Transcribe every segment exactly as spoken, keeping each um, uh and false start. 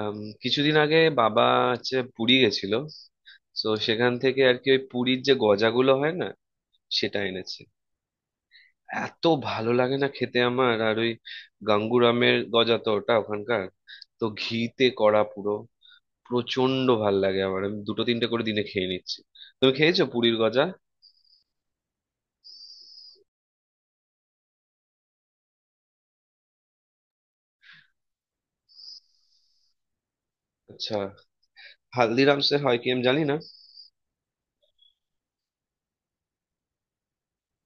আম, কিছুদিন আগে বাবা হচ্ছে পুরী গেছিল। তো সেখান থেকে আর কি, ওই পুরীর যে গজাগুলো হয় না, সেটা এনেছে। এত ভালো লাগে না খেতে আমার। আর ওই গাঙ্গুরামের গজা, তো ওটা ওখানকার, তো ঘিতে করা পুরো, প্রচন্ড ভাল লাগে আমার। আমি দুটো তিনটে করে দিনে খেয়ে নিচ্ছি। তুমি খেয়েছো পুরীর গজা? আচ্ছা, হালদিরামসে হয় কি আমি জানি না।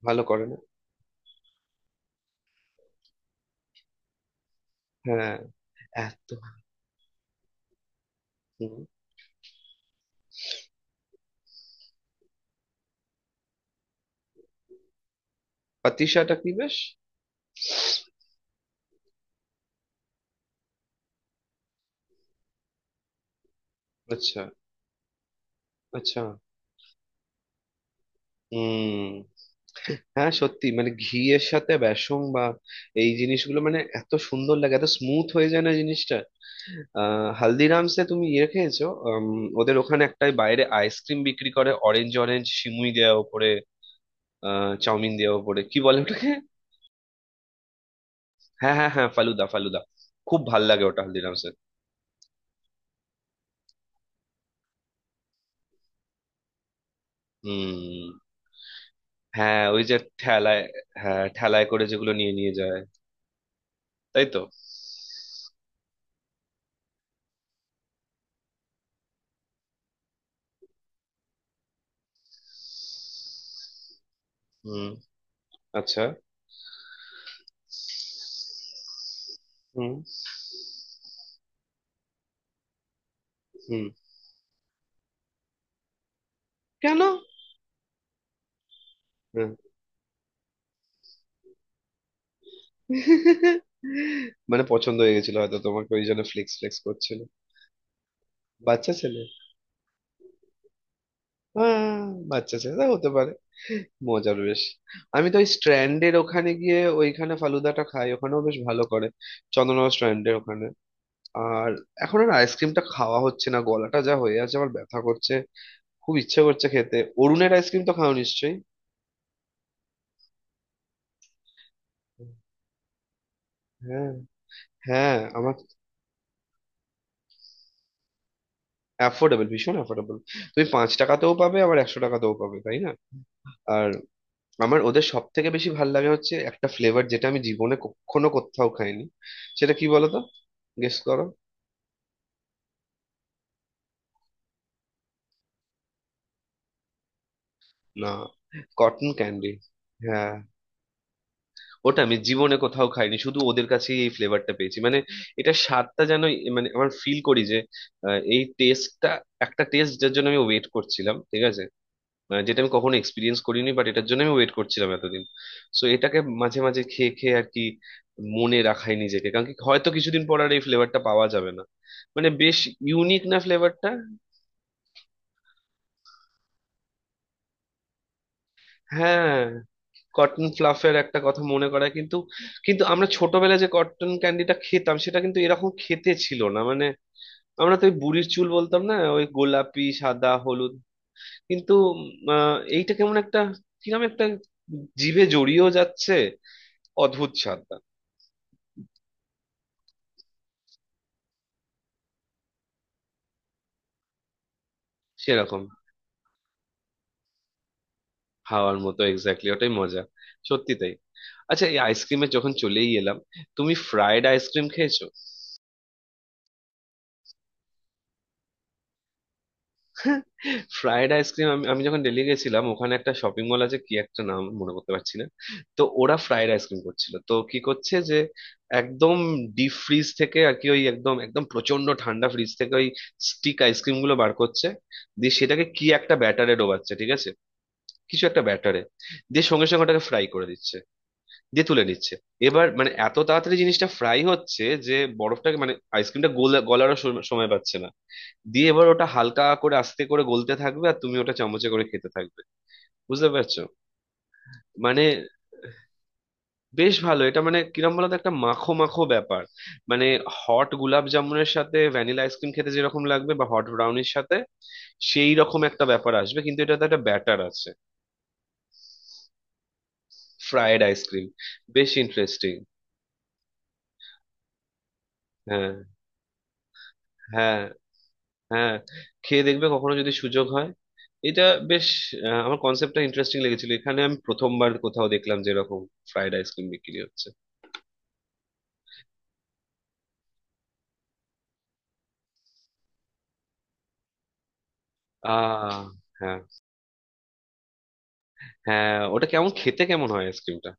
ভালো করে না? হ্যাঁ। এত। হুম। পাতিসাটা কি বেশ? আচ্ছা, আচ্ছা। হুম। হ্যাঁ, সত্যি মানে ঘি এর সাথে বেসন বা এই জিনিসগুলো মানে এত সুন্দর লাগে, এত স্মুথ হয়ে যায় না জিনিসটা। আহ, হালদিরামসে তুমি ইয়ে খেয়েছো? উম, ওদের ওখানে একটাই বাইরে আইসক্রিম বিক্রি করে, অরেঞ্জ অরেঞ্জ সিমুই দেওয়া ওপরে, আহ, চাউমিন দেওয়া ওপরে, কি বলে ওটাকে? হ্যাঁ হ্যাঁ হ্যাঁ, ফালুদা ফালুদা। খুব ভাল লাগে ওটা হালদিরামসে। হুম। হ্যাঁ, ওই যে ঠেলায়। হ্যাঁ, ঠেলায় করে যেগুলো নিয়ে নিয়ে যায়। তাই তো। হুম। আচ্ছা। হুম। হুম। কেন? হুম। মানে পছন্দ হয়ে গেছিল হয়তো তোমাকে, ওই জন্য ফ্লেক্স ফ্লেক্স করছিল। বাচ্চা ছেলে। হ্যাঁ, বাচ্চা ছেলে তা হতে পারে। মজার বেশ। আমি তো ওই স্ট্র্যান্ডের ওখানে গিয়ে ওইখানে ফালুদাটা খাই, ওখানেও বেশ ভালো করে। চন্দননগর স্ট্র্যান্ডের ওখানে। আর এখন আর আইসক্রিমটা খাওয়া হচ্ছে না, গলাটা যা হয়ে আছে আমার, ব্যথা করছে। খুব ইচ্ছে করছে খেতে। অরুণের আইসক্রিম তো খাও নিশ্চয়ই? হ্যাঁ। হ্যাঁ, আমার। অ্যাফোর্ডেবল, ভীষণ অ্যাফোর্ডেবল। তুমি পাঁচ টাকাতেও পাবে, আবার একশো টাকাতেও পাবে, তাই না? আর আমার ওদের সব থেকে বেশি ভাল লাগে হচ্ছে একটা ফ্লেভার, যেটা আমি জীবনে কখনো কোথাও খাইনি। সেটা কি বলো তো, গেস করো। না, কটন ক্যান্ডি। হ্যাঁ। ওটা আমি জীবনে কোথাও খাইনি, শুধু ওদের কাছেই এই ফ্লেভারটা পেয়েছি। মানে এটা স্বাদটা যেন এ- মানে আমার ফিল করি যে, আহ, এই টেস্টটা একটা টেস্ট যার জন্য আমি ওয়েট করছিলাম, ঠিক আছে? মানে যেটা আমি কখনো এক্সপিরিয়েন্স করিনি, বাট এটার জন্য আমি ওয়েট করছিলাম এতদিন। সো এটাকে মাঝে মাঝে খেয়ে খেয়ে আর কি, মনে রাখাই নিজেকে। কারণ কি, হয়তো কিছুদিন পর আর এই ফ্লেভারটা পাওয়া যাবে না। মানে বেশ ইউনিক না ফ্লেভারটা? হ্যাঁ, কটন ফ্লাফের একটা কথা মনে করায়, কিন্তু কিন্তু আমরা ছোটবেলায় যে কটন ক্যান্ডিটা খেতাম, সেটা কিন্তু এরকম খেতে ছিল না। মানে আমরা তো ওই বুড়ির চুল বলতাম না, ওই গোলাপি সাদা হলুদ। কিন্তু উম, আহ, এইটা কেমন একটা, কিরকম একটা জিভে জড়িয়েও যাচ্ছে, অদ্ভুত স্বাদ। সেরকম। হাওয়ার মতো, এক্স্যাক্টলি ওটাই মজা। সত্যি তাই। আচ্ছা, এই আইসক্রিমে যখন চলেই এলাম, তুমি ফ্রাইড আইসক্রিম খেয়েছো? Fried ice cream? আমি আমি যখন দিল্লি গেছিলাম, ওখানে একটা শপিং মল আছে, কি একটা নাম মনে করতে পারছি না। তো ওরা ফ্রাইড আইসক্রিম করছিল। তো কি করছে যে, একদম ডিপ ফ্রিজ থেকে আর কি, ওই একদম একদম প্রচন্ড ঠান্ডা ফ্রিজ থেকে ওই স্টিক আইসক্রিম গুলো বার করছে। দিয়ে সেটাকে কি একটা ব্যাটারে ডোবাচ্ছে, ঠিক আছে? কিছু একটা ব্যাটারে, দিয়ে সঙ্গে সঙ্গে ওটাকে ফ্রাই করে দিচ্ছে, দিয়ে তুলে নিচ্ছে। এবার মানে এত তাড়াতাড়ি জিনিসটা ফ্রাই হচ্ছে যে বরফটাকে, মানে আইসক্রিমটা গলারও সম- সময় পাচ্ছে না। দিয়ে এবার ওটা হালকা করে আস্তে করে গলতে থাকবে, আর তুমি ওটা চামচে করে খেতে থাকবে। বুঝতে পারছো? মানে বেশ ভালো এটা, মানে কিরম বলতো, একটা মাখো মাখো ব্যাপার। মানে হট গুলাব জামুনের সাথে ভ্যানিলা আইসক্রিম খেতে যেরকম লাগবে, বা হট ব্রাউনির সাথে সেই রকম একটা ব্যাপার আসবে, কিন্তু এটাতে একটা ব্যাটার আছে। ফ্রায়েড আইসক্রিম, বেশ ইন্টারেস্টিং। হ্যাঁ হ্যাঁ হ্যাঁ, খেয়ে দেখবে কখনো যদি সুযোগ হয়। এটা বেশ, আহ, আমার কনসেপ্টটা ইন্টারেস্টিং লেগেছিল। এখানে আমি প্রথমবার কোথাও দেখলাম যে এরকম ফ্রাইড আইসক্রিম বিক্রি হচ্ছে। আহ। হ্যাঁ। হ্যাঁ, ওটা কেমন খেতে, কেমন হয় আইসক্রিমটা?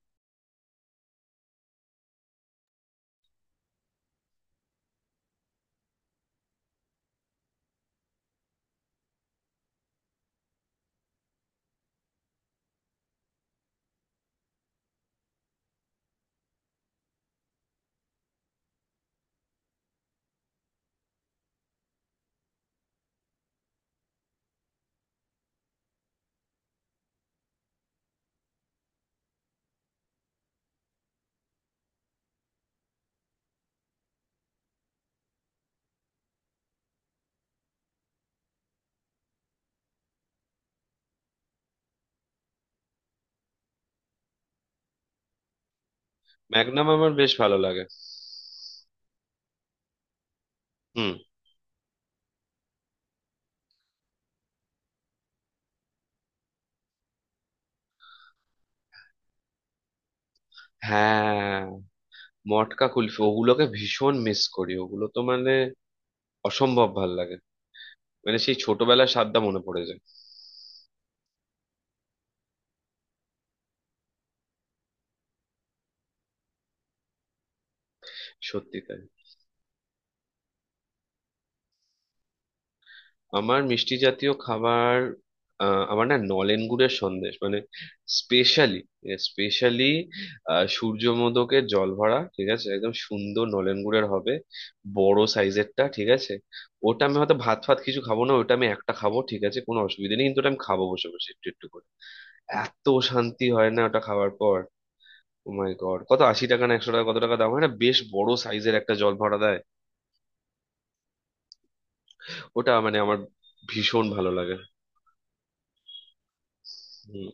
ম্যাগনাম আমার বেশ ভালো লাগে। হুম। হ্যাঁ, মটকা কুলফি ওগুলোকে ভীষণ মিস করি, ওগুলো তো মানে অসম্ভব ভাল লাগে। মানে সেই ছোটবেলার স্বাদটা মনে পড়ে যায়। সত্যি তাই। আমার মিষ্টি জাতীয় খাবার, আহ, আমার না নলেন গুড়ের সন্দেশ, মানে স্পেশালি, স্পেশালি সূর্যমোদকের জল ভরা, ঠিক আছে? একদম সুন্দর নলেন গুড়ের হবে, বড় সাইজেরটা, ঠিক আছে? ওটা আমি হয়তো ভাত ফাত কিছু খাবো না, ওটা আমি একটা খাবো, ঠিক আছে, কোনো অসুবিধা নেই, কিন্তু ওটা আমি খাবো বসে বসে একটু একটু করে। এত শান্তি হয় না ওটা খাওয়ার পর। ও মাই গড, কত, আশি টাকা না একশো টাকা, কত টাকা দাম হয় না, বেশ বড় সাইজের একটা জল ভরা দেয়। ওটা মানে আমার ভীষণ ভালো লাগে। হুম।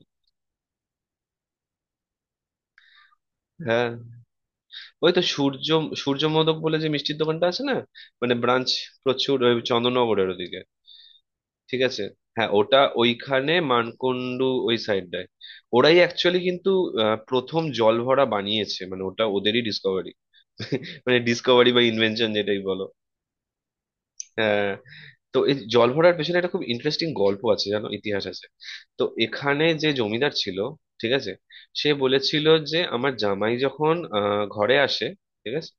হ্যাঁ, ওই তো সূর্য, সূর্য মোদক বলে যে মিষ্টির দোকানটা আছে না, মানে ব্রাঞ্চ প্রচুর ওই চন্দননগরের ওদিকে। ঠিক আছে। হ্যাঁ, ওটা ওইখানে মানকুণ্ডু ওই সাইডটায়। ওরাই অ্যাকচুয়ালি কিন্তু, আহ, প্রথম জলভরা বানিয়েছে, মানে ওটা ওদেরই ডিসকভারি। মানে ডিসকভারি বা ইনভেনশন যেটাই বলো। হ্যাঁ, তো এই জল ভরার পেছনে একটা খুব ইন্টারেস্টিং গল্প আছে, জানো, ইতিহাস আছে। তো এখানে যে জমিদার ছিল, ঠিক আছে, সে বলেছিল যে আমার জামাই যখন আহ, ঘরে আসে, ঠিক আছে,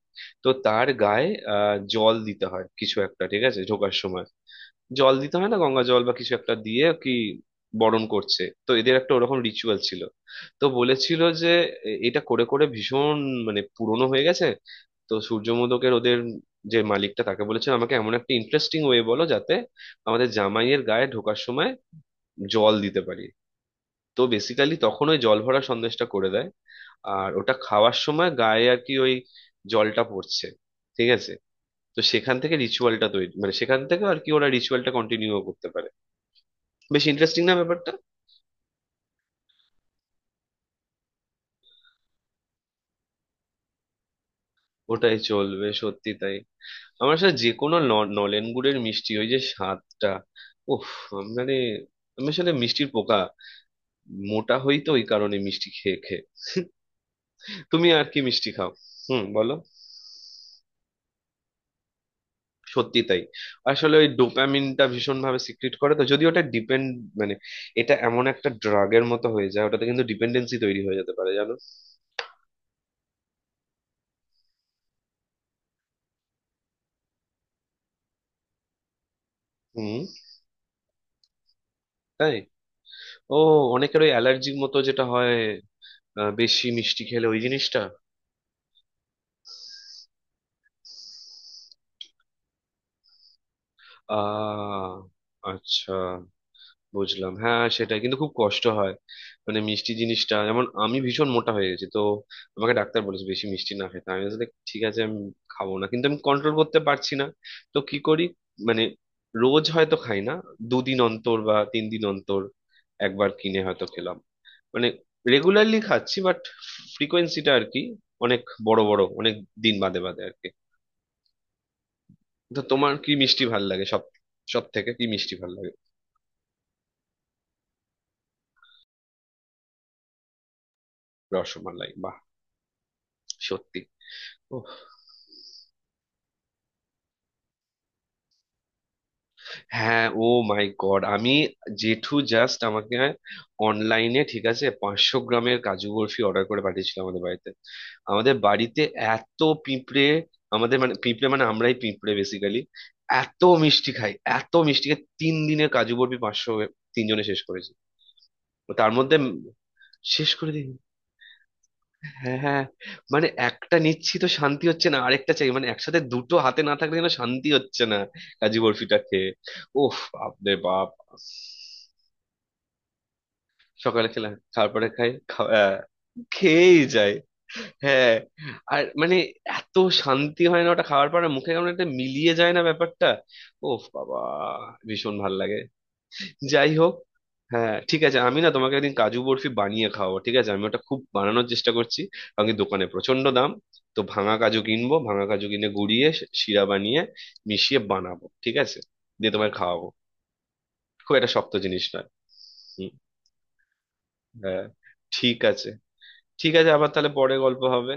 তো তার গায়ে আহ, জল দিতে হয় কিছু একটা, ঠিক আছে, ঢোকার সময়। জল দিতে হয় না গঙ্গা জল বা কিছু একটা দিয়ে, কি বরণ করছে, তো এদের একটা ওরকম রিচুয়াল ছিল। তো বলেছিল যে, এ- এটা করে করে ভীষণ, মানে পুরনো হয়ে গেছে। তো সূর্যমোদকের ওদের যে মালিকটা, তাকে বলেছিল আমাকে এমন একটা ইন্টারেস্টিং ওয়ে বলো যাতে আমাদের জামাইয়ের গায়ে ঢোকার সময় জল দিতে পারি। তো বেসিক্যালি তখন ওই জল ভরা সন্দেশটা করে দেয়। আর ওটা খাওয়ার সময় গায়ে আর কি ওই জলটা পড়ছে, ঠিক আছে? তো সেখান থেকে রিচুয়ালটা তৈরি, মানে সেখান থেকে আর কি ওরা রিচুয়ালটা কন্টিনিউ করতে পারে। বেশ ইন্টারেস্টিং না ব্যাপারটা? ওটাই চলবে, সত্যি তাই। আমার সাথে যে কোনো ন- নলেন গুড়ের মিষ্টি, ওই যে স্বাদটা, উফ, মানে আমি আসলে মিষ্টির পোকা। মোটা হই তো ওই কারণে, মিষ্টি খেয়ে খেয়ে। তুমি আর কি মিষ্টি খাও? হুম, বলো। সত্যি তাই। আসলে ওই ডোপামিনটা ভীষণ ভাবে সিক্রিট করে, তো যদি ওটা ডিপেন্ড, মানে এটা এমন একটা ড্রাগের মতো হয়ে যায় ওটাতে, কিন্তু ডিপেন্ডেন্সি তৈরি হয়ে যেতে পারে, জানো। হুম। তাই? ও। অনেকের ওই অ্যালার্জির মতো যেটা হয়, আহ, বেশি মিষ্টি খেলে ওই জিনিসটা। আহ, আচ্ছা, বুঝলাম। হ্যাঁ, সেটাই, কিন্তু খুব কষ্ট হয়। মানে মিষ্টি জিনিসটা, যেমন আমি ভীষণ মোটা হয়ে গেছি তো, আমাকে ডাক্তার বলেছে বেশি মিষ্টি না খেতে। আমি বলছি ঠিক আছে, আমি খাবো না, কিন্তু আমি কন্ট্রোল করতে পারছি না। তো কি করি, মানে, রোজ হয়তো খাই না, দুদিন অন্তর বা তিন দিন অন্তর একবার কিনে হয়তো খেলাম। মানে রেগুলারলি খাচ্ছি বাট, ফ্রিকোয়েন্সিটা আর কি অনেক, বড় বড় অনেক দিন বাদে বাদে আর কি। তো তোমার কি মিষ্টি ভাল লাগে, সব, সব থেকে কি মিষ্টি ভাল লাগে? রসমালাই, বাহ, সত্যি। ওহ, হ্যাঁ, ও মাই গড, আমি, জেঠু জাস্ট আমাকে অনলাইনে, ঠিক আছে, পাঁচশো গ্রামের কাজু বরফি অর্ডার করে পাঠিয়েছিল আমাদের বাড়িতে। আমাদের বাড়িতে এত পিঁপড়ে, আমাদের মানে পিঁপড়ে মানে আমরাই পিঁপড়ে বেসিক্যালি, এত মিষ্টি খাই, এত মিষ্টি খাই। তিন দিনে কাজু বরফি পাঁচশো, তিনজনে শেষ করেছি। তো তার মধ্যে শেষ করে দিই। হ্যাঁ, হ্যাঁ, মানে একটা নিচ্ছি তো শান্তি হচ্ছে না, আরেকটা চাই, মানে একসাথে দুটো হাতে না থাকলে যেন শান্তি হচ্ছে না। কাজু বরফিটা খেয়ে, ওফ, আপনি বাপ। সকালে খেলাম তারপরে খাই খাওয়া- আহ, খেয়েই যায়, হ্যাঁ। আর মানে এত শান্তি হয় না ওটা খাওয়ার পর, আর মুখে কেমন একটা মিলিয়ে যায় না ব্যাপারটা। ওফ বাবা, ভীষণ ভাল লাগে। যাই হোক, হ্যাঁ, ঠিক আছে, আমি না তোমাকে একদিন কাজু বরফি বানিয়ে খাওয়াবো, ঠিক আছে? আমি ওটা খুব বানানোর চেষ্টা করছি, কারণ কি দোকানে প্রচন্ড দাম। তো ভাঙা কাজু কিনবো, ভাঙা কাজু কিনে গুঁড়িয়ে শ- শিরা বানিয়ে মিশিয়ে বানাবো, ঠিক আছে? দিয়ে তোমায় খাওয়াবো, খুব একটা শক্ত জিনিস নয়। হুম। হ্যাঁ, ঠিক আছে। ঠিক আছে, আবার তাহলে পরে গল্প হবে।